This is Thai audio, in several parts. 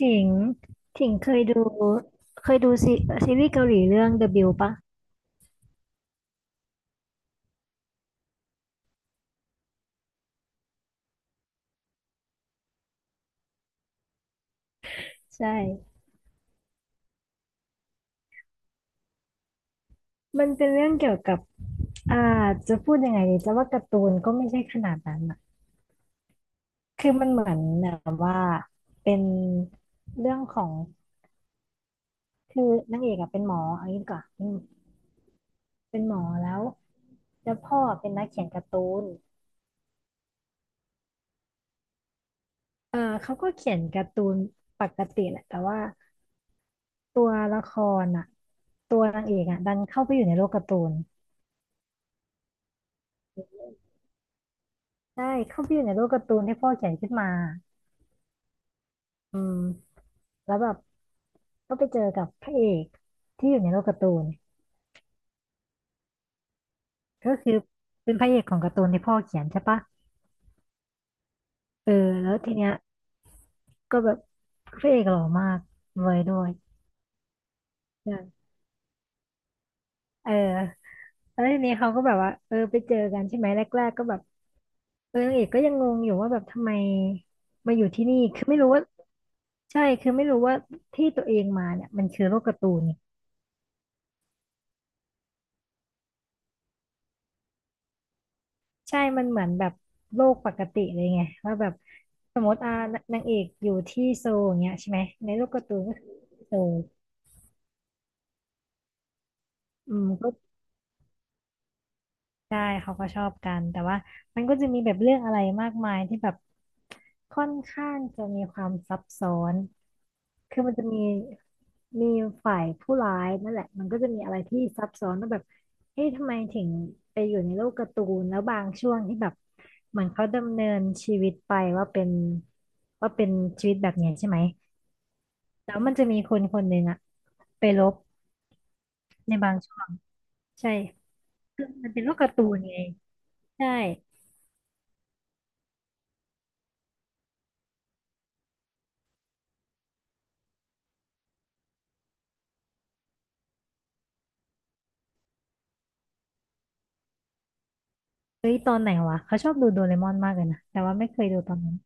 ถิงถิงเคยดูเคยดูซีซีรีส์เกาหลีเรื่อง The Bill ปะใช่มันเป็นเรื่องเกี่ยวกับอ่าจะพูดยังไงดีจะว่าการ์ตูนก็ไม่ใช่ขนาดนั้นอะคือมันเหมือนแบบว่าเป็นเรื่องของคือนางเอกอะเป็นหมอเอางี้ดีกว่อนอืมเป็นหมอแล้วพ่อเป็นนักเขียนการ์ตูนเออเขาก็เขียนการ์ตูนปกติแหละแต่ว่าตัวละครอ่ะตัวนางเอกอ่ะดันเข้าไปอยู่ในโลกการ์ตูน ใช่เข้าไปอยู่ในโลกการ์ตูนที่พ่อเขียนขึ้นมาอืมแล้วแบบก็ไปเจอกับพระเอกที่อยู่ในโลกการ์ตูนก็คือเป็นพระเอกของการ์ตูนที่พ่อเขียนใช่ปะเออแล้วทีเนี้ยก็แบบพระเอกหล่อมากรวยด้วยใช่เออแล้วทีนี้เขาก็แบบว่าเออไปเจอกันใช่ไหมแรกๆก็แบบเออนางเอกก็ยังงงอยู่ว่าแบบทำไมมาอยู่ที่นี่คือไม่รู้ว่าใช่คือไม่รู้ว่าที่ตัวเองมาเนี่ยมันคือโลกการ์ตูน ใช่มันเหมือนแบบโลกปกติเลยไงว่าแบบสมมติอ่านางเอกอยู่ที่โซลอย่างเงี้ยใช่ไหมในโลกการ์ตูนก็คือโซลอืมก็ ใช่เขาก็ชอบกันแต่ว่ามันก็จะมีแบบเรื่องอะไรมากมายที่แบบค่อนข้างจะมีความซับซ้อนคือมันจะมีฝ่ายผู้ร้ายนั่นแหละมันก็จะมีอะไรที่ซับซ้อนว่าแบบเอ๊ะทำไมถึงไปอยู่ในโลกการ์ตูนแล้วบางช่วงที่แบบเหมือนเขาดำเนินชีวิตไปว่าเป็นชีวิตแบบเนี้ยใช่ไหมแล้วมันจะมีคนคนหนึ่งอะไปลบในบางช่วงใช่มันเป็นโลกการ์ตูนไงใช่ เฮ้ยตอนไหนวะเขาชอบดูโดเรมอนมากเลยนะแต่ว่าไม่เคยดูตอนนั้น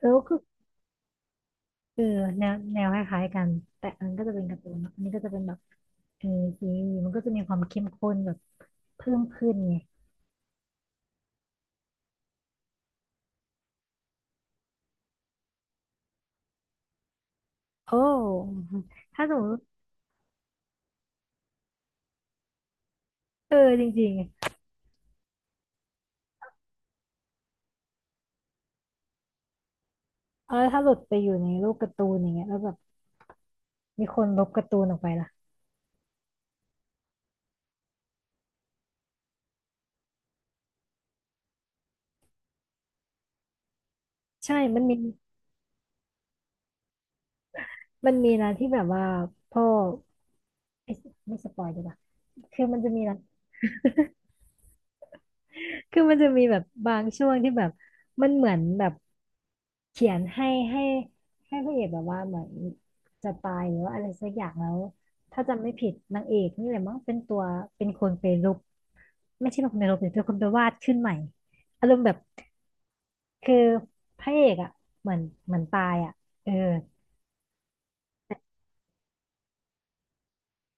เออก็คือเออแนวแนวคล้ายๆกันแต่อันก็จะเป็นการ์ตูนเนอะอันนี้ก็จะเป็นแบบเออซีรีส์มันก็จะมีความเข้มข้นแบบเพิ่มขึ้นไงโอ้ถ้าสมมติเออจริงๆไงเออถ้าหลุดไปอยู่ในโลกการ์ตูนอย่างเงี้ยแล้วแบบมีคนลบการ์ตูนออกไปล่ะใช่มันมีนะที่แบบว่าพ่อเอ้ยไม่สปอยดีกว่าคือมันจะมีนะ คือมันจะมีแบบบางช่วงที่แบบมันเหมือนแบบเขียนให้ให้พระเอกแบบว่าเหมือนจะตายหรือว่าอะไรสักอย่างแล้วถ้าจำไม่ผิดนางเอกนี่แหละมั้งเป็นตัวเป็นคนไปลบไม่ใช่เป็นคนไปลบแต่เป็นคนไปวาดขึ้นใหม่อารมณ์แบบคือพระเอกอ่ะเหมือนเหมือนตายอ่ะเออ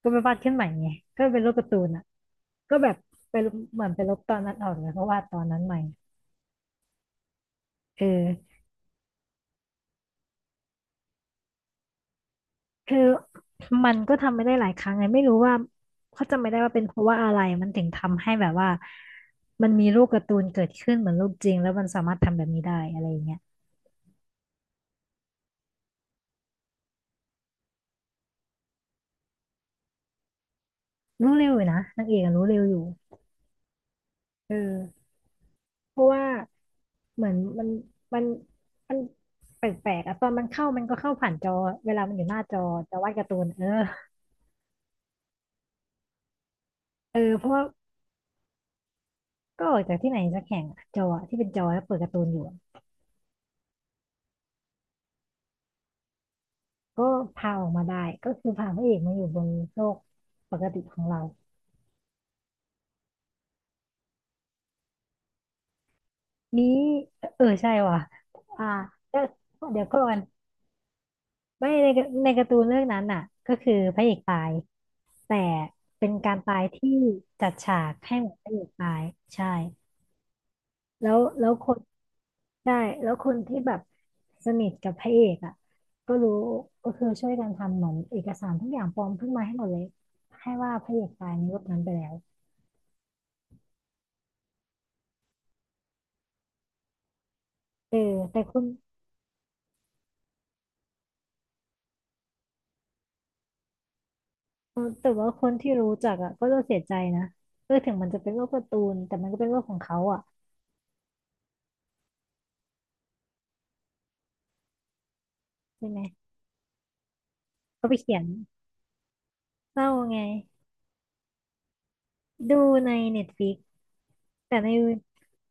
ก็ไปวาดขึ้นใหม่ไงก็เป็นลบการ์ตูนอ่ะก็แบบไปลบเหมือนไปลบตอนนั้นออกแล้วก็วาดตอนนั้นใหม่เออ คือมันก็ทำไม่ได้หลายครั้งไงไม่รู้ว่าเขาจำไม่ได้ว่าเป็นเพราะว่าอะไรมันถึงทำให้แบบว่ามันมีรูปการ์ตูนเกิดขึ้นเหมือนรูปจริงแล้วมันสามารถทำแบบนี้ได้อะไรอย่างเงี้ยรู้เร็วอยู่นะนางเอกอะรู้เร็วอยู่เออเพราะว่าเหมือนมันมันแปลกๆอะตอนมันเข้ามันก็เข้าผ่านจอเวลามันอยู่หน้าจอจะวาดการ์ตูนเออเออเพราะว่าก็ออกจากที่ไหนสักแห่งอะจออะที่เป็นจอแล้วเปิดการ์ตูนอยู่อะก็พาออกมาได้ก็คือพาพระเอกมาอยู่บนโลกปกติของเรา นี้เออใช่ว่ะอ่าเอ้อเดี๋ยวก่อนไม่ในในการ์ตูนเรื่องนั้นน่ะก็คือพระเอกตายแต่เป็นการตายที่จัดฉากให้เหมือนพระเอกตายใช่แล้วคนใช่แล้วคนที่แบบสนิทกับพระเอกอ่ะก็รู้ก็คือช่วยกันทำเหมือนเอกสารทุกอย่างปลอมขึ้นมาให้หมดเลยให้ว่าพระเอกตายในรูปนั้นไปแล้วเออแต่คุณ เออแต่ว่าคนที่รู้จักอ่ะก็จะเสียใจนะเออถึงมันจะเป็นโลกการ์ตูนแต่มันก็เป็นโลกของเขาอ่ะใช่ไหมเขาไปเขียนเศร้าไงดูในเน็ตฟ i ิกแต่ใน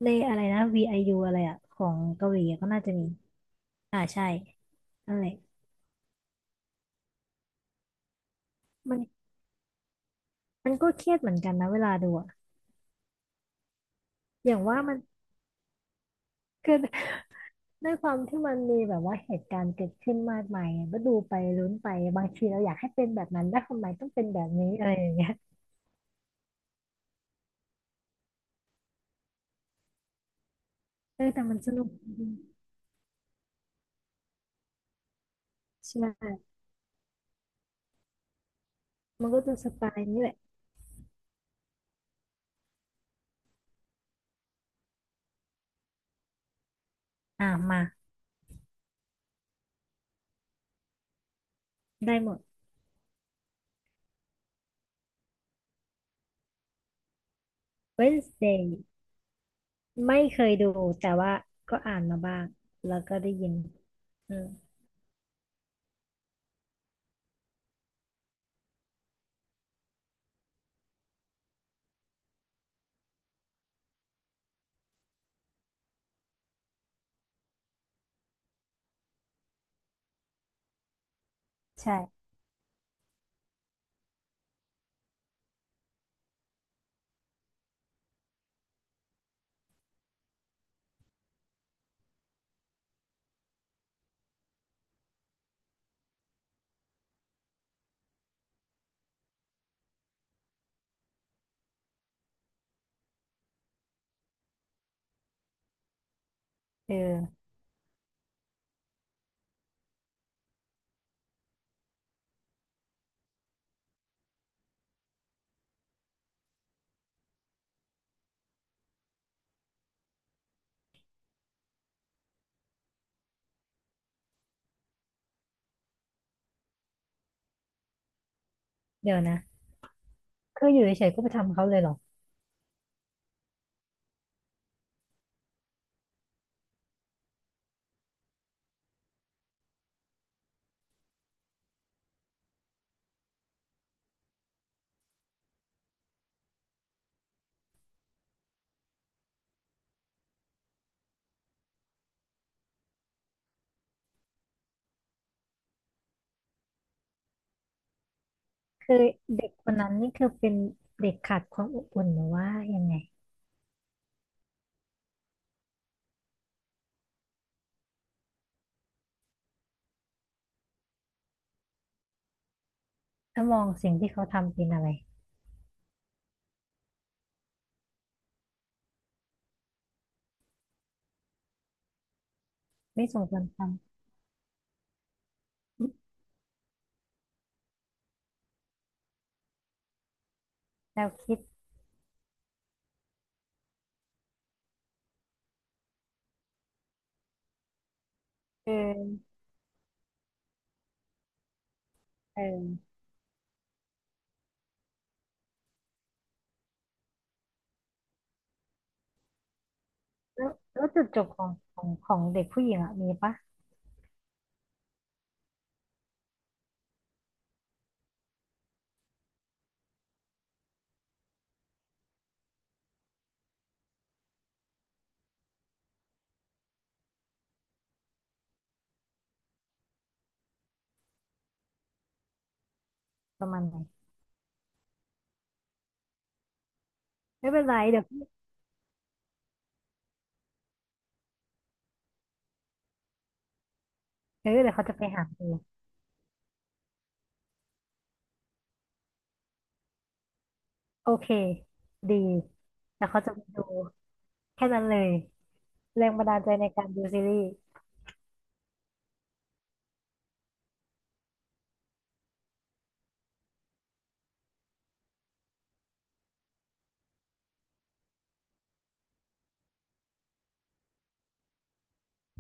ในอะไรนะ VIU อยูอะไรอ่ะของเกาหลีอะก็น่าจะมีใช่นั่นแหละมันมันก็เครียดเหมือนกันนะเวลาดูอ่ะอย่างว่ามันคือด้วยความที่มันมีแบบว่าเหตุการณ์เกิดขึ้นมากมายอะก็ดูไปลุ้นไปบางทีเราอยากให้เป็นแบบนั้นแล้วทำไมต้องเป็นแบบนี้อะไรอย่างเงี้ยเออแต่มันสนุกดีใช่ มันก็จะสไตล์นี้แหละอ่ะมาได้หมด Wednesday ไม่เคยดูแต่ว่าก็อ่านมาบ้างแล้วก็ได้ยินอืมใช่เออเดี๋ยวนะคืออยู่เฉยๆก็ไปทำเขาเลยเหรอคือเด็กคนนั้นนี่คือเป็นเด็กขาดความอบอุ่นหรือว่ายังไงถ้ามองสิ่งที่เขาทำเป็นอะไรไม่สมควรทำแนวคิดเออเออแล้วจุดจบของเด็กผู้หญิงอะมีปะประมาณไหนไม่เป็นไรเดี๋ยวเออเดี๋ยวเขาจะไปหาดู โอเคดีแต่เขาจะไปดูแค่นั้นเลยแรงบันดาลใจในการดูซีรีส์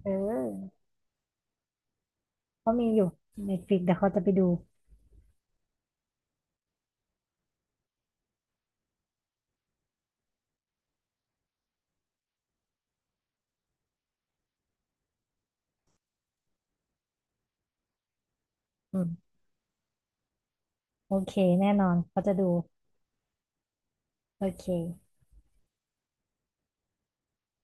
เออเขามีอยู่ในฟิกแต่เขาจะไปดูอืมโอเคแน่นอนเขาจะดูโอเค